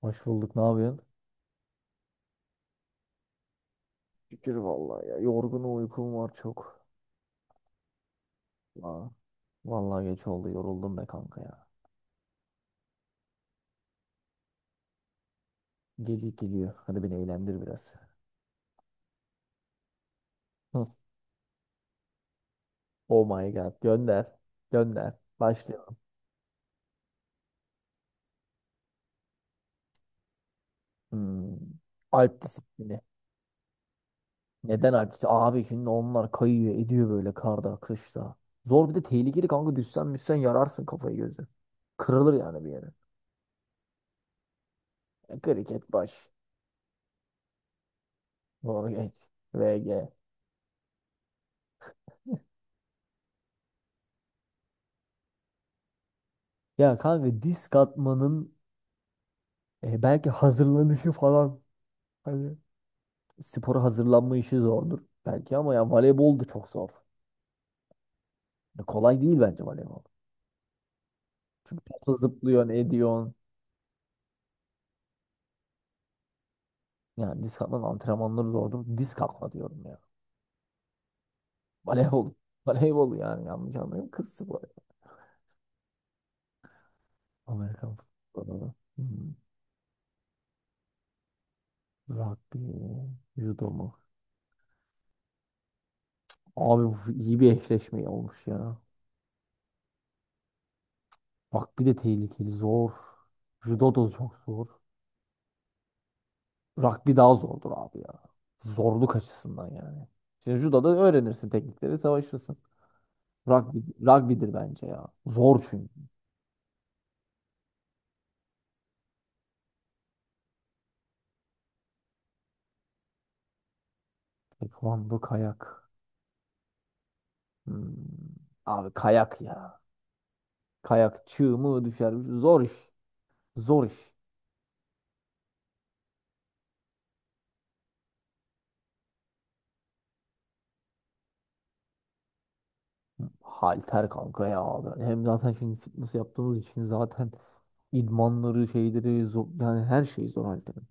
Hoş bulduk. Ne yapıyorsun? Şükür vallahi ya. Yorgunum uykum var çok. Aa, vallahi geç oldu. Yoruldum be kanka ya. Geliyor geliyor. Hadi beni eğlendir biraz. Hı. Oh my god. Gönder. Gönder. Başlayalım. Hmm. Alp disiplini. Neden Alp disiplini? Abi şimdi onlar kayıyor ediyor böyle karda kışta. Zor bir de tehlikeli kanka. Düşsen müssen yararsın kafayı gözü. Kırılır yani bir yere. Kriket baş. Doğru geç. VG. Ya kanka disk atmanın belki hazırlanışı falan, hani spora hazırlanma işi zordur belki ama ya voleybol da çok zor. Ya kolay değil bence voleybol. Çünkü topla zıplıyorsun, ediyorsun. Yani disk atmanın antrenmanları zordur. Disk atma diyorum ya. Voleybol. Voleybol yani yanlış anlayın. Kız sporu. Amerikan futbolu. Hmm. Rugby mi? Judo mu? Abi bu iyi bir eşleşme olmuş ya. Rugby de tehlikeli. Zor. Judo da çok zor. Rugby daha zordur abi ya. Zorluk açısından yani. Şimdi judoda öğrenirsin teknikleri, savaşırsın. Rugby, rugby'dir bence ya. Zor çünkü. Taekwondo, kayak. Hmm. Abi kayak ya. Kayak çığ mı düşer. Zor iş. Zor iş. Halter kanka ya abi. Hem zaten şimdi fitness yaptığımız için zaten idmanları, şeyleri zor. Yani her şey zor halterin.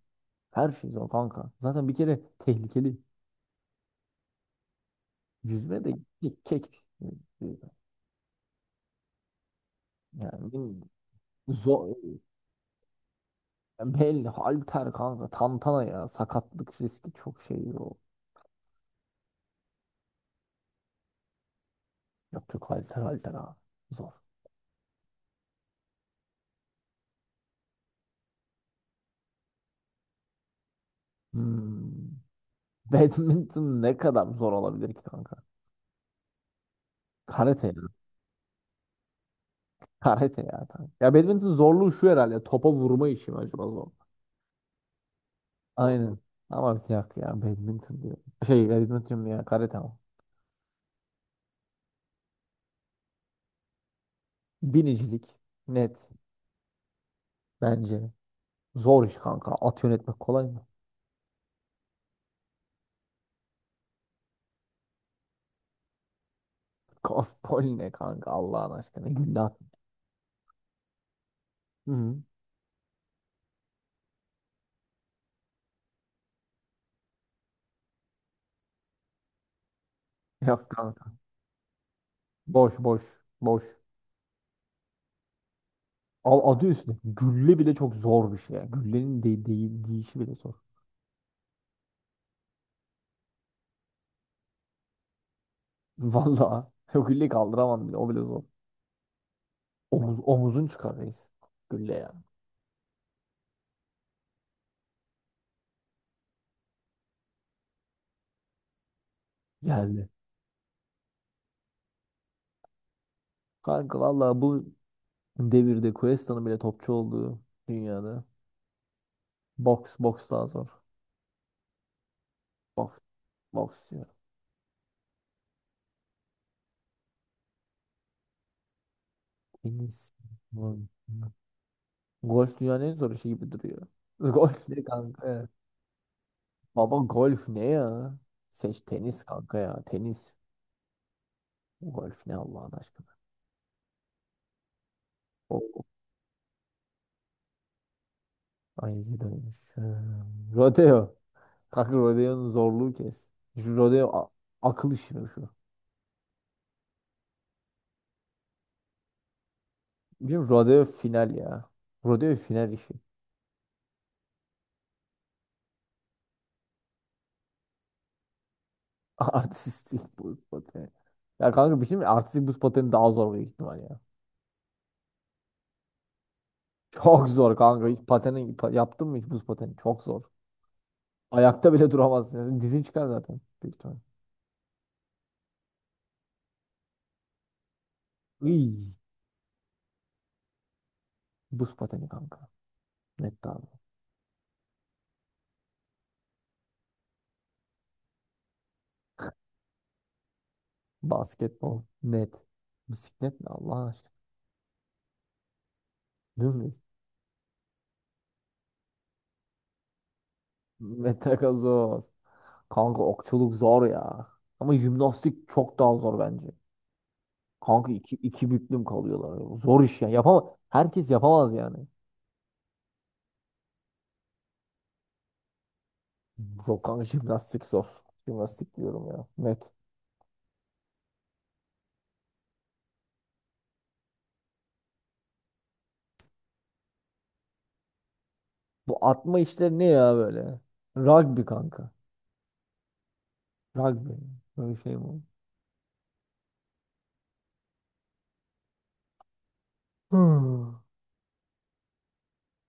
Her şey zor kanka. Zaten bir kere tehlikeli. Yüzme de kek. Yani bilmiyorum. Zor. Belli. Halter kanka. Tantana ya. Sakatlık riski çok şey o. Yok yok halter halter abi. Zor. Hmm. Badminton ne kadar zor olabilir ki kanka? Karate ya. Karate ya kanka. Ya badminton zorluğu şu herhalde. Topa vurma işi mi acaba zor? Aynen. Ama bir dakika ya badminton diyor. Şey badminton diyorum ya karate ama. Binicilik net bence. Zor iş kanka. At yönetmek kolay mı? Golf bol ne kanka Allah'ın aşkına. Gülle at. Hı. Yok kanka. Boş boş boş. Al adı üstünde. Gülle bile çok zor bir şey ya. Güllenin de değil deyişi bile zor. Vallahi o gülleyi kaldıramam bile. O bile zor. Omuzun çıkar reis. Gülle ya. Geldi. Kanka vallahi bu devirde Cuesta'nın bile topçu olduğu dünyada. Boks boks daha zor. Boks boks ya. En iyisi. Golf dünyanın en zor işi gibi duruyor. Golf ne kanka? Baba golf ne ya? Seç tenis kanka ya. Tenis. Golf ne Allah'ın aşkına. Oh, oh. Ay iyi dönmüş. Rodeo. Kanka rodeonun zorluğu kes. Şu rodeo akıl işi mi şu? Biliyorum rodeo final ya. Rodeo final işi. Artistik buz pateni. Ya kanka bir şey mi? Artistik buz pateni daha zor büyük ihtimal ya. Çok zor kanka. Hiç yaptın mı hiç buz pateni? Çok zor. Ayakta bile duramazsın. Yani dizin çıkar zaten. Büyük ihtimal. Iy, buz pateni kanka. Net abi. Basketbol. Net. Bisiklet ne Allah aşkına? Değil mi? Metakazoz. Kanka okçuluk zor ya. Ama jimnastik çok daha zor bence. Kanka iki büklüm kalıyorlar. Zor iş ya. Yapamaz. Herkes yapamaz yani. Yok kanka jimnastik zor. Jimnastik diyorum ya. Net. Bu atma işleri ne ya böyle? Rugby kanka. Rugby. Böyle şey mi olur? Hmm.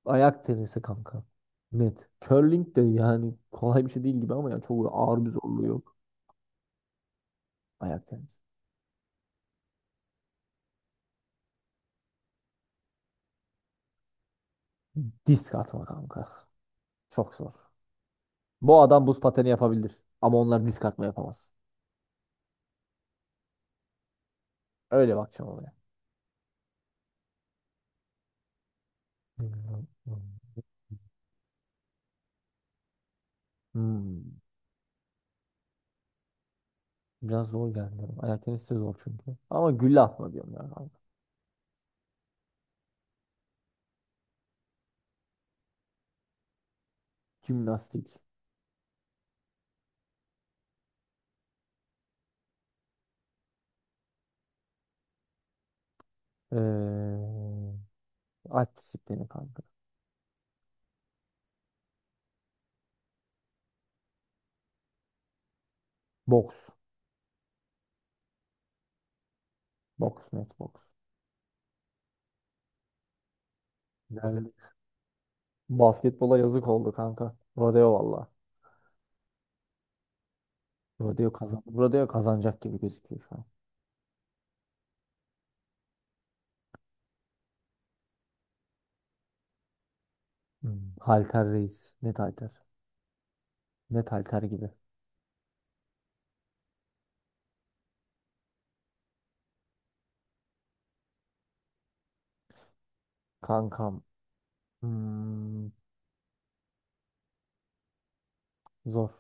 Ayak tenisi kanka. Net. Curling de yani kolay bir şey değil gibi ama yani çok ağır bir zorluğu yok. Ayak tenisi. Disk atma kanka. Çok zor. Bu adam buz pateni yapabilir. Ama onlar disk atma yapamaz. Öyle bakacağım olaya. Hmm. Biraz zor geldi. Ayak tenisi de zor çünkü. Ama gülle atma diyorum ya kanka. Jimnastik. Ee, alp disiplini kanka. Boks. Boks, net boks. Yani basketbola yazık oldu kanka. Rodeo valla. Rodeo kazan. Rodeo kazanacak gibi gözüküyor şu an. Hmm. Halter reis. Net halter. Net halter gibi. Kankam. Hmm, zor.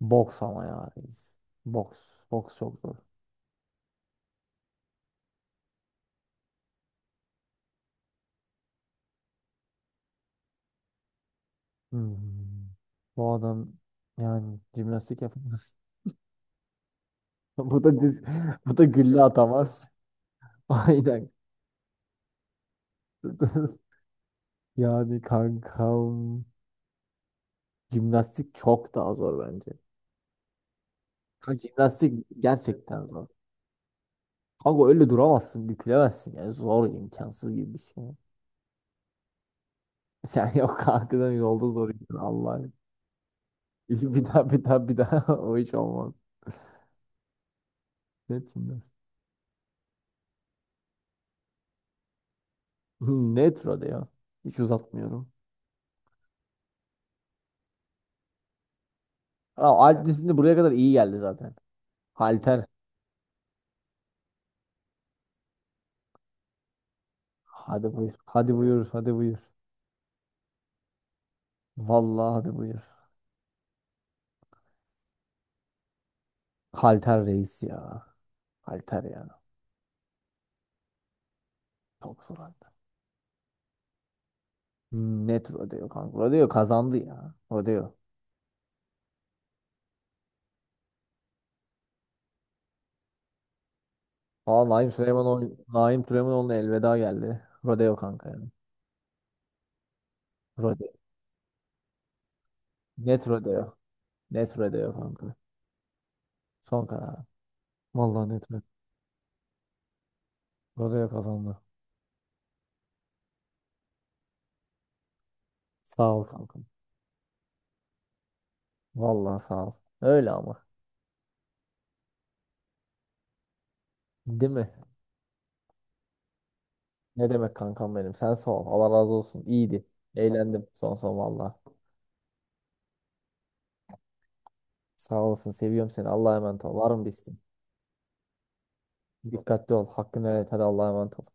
Boks ama ya reis. Boks. Boks çok zor. Hmm. Bu adam yani jimnastik yapamaz. Bu da diz, bu da gülle atamaz. Aynen. Yani kankam jimnastik çok daha zor bence. Kanka jimnastik gerçekten zor. Kanka öyle duramazsın, bükülemezsin. Yani zor, imkansız gibi bir şey. Sen yok kankadan yolda zor. Allah. Bir daha bir daha bir daha o hiç olmaz. Ne jimnastik? Netro ya, hiç uzatmıyorum. Aa, alt disiplini buraya kadar iyi geldi zaten. Halter. Hadi buyur. Hadi buyur. Hadi buyur. Vallahi hadi buyur. Halter reis ya. Halter ya. Çok zor halter. Net Rodeo kanka. Rodeo kazandı ya. Rodeo. Aa, Naim Süleymanoğlu'na elveda geldi. Rodeo kanka yani. Rodeo. Net Rodeo. Net Rodeo kanka. Son karar. Vallahi net Rodeo. Rodeo kazandı. Sağ ol kanka. Vallahi sağ ol. Öyle ama. Değil mi? Ne demek kankam benim? Sen sağ ol. Allah razı olsun. İyiydi. Eğlendim son son valla. Sağ olasın. Seviyorum seni. Allah'a emanet ol. Var mı bir isteğin? Dikkatli ol. Hakkını helal et. Hadi Allah'a emanet ol.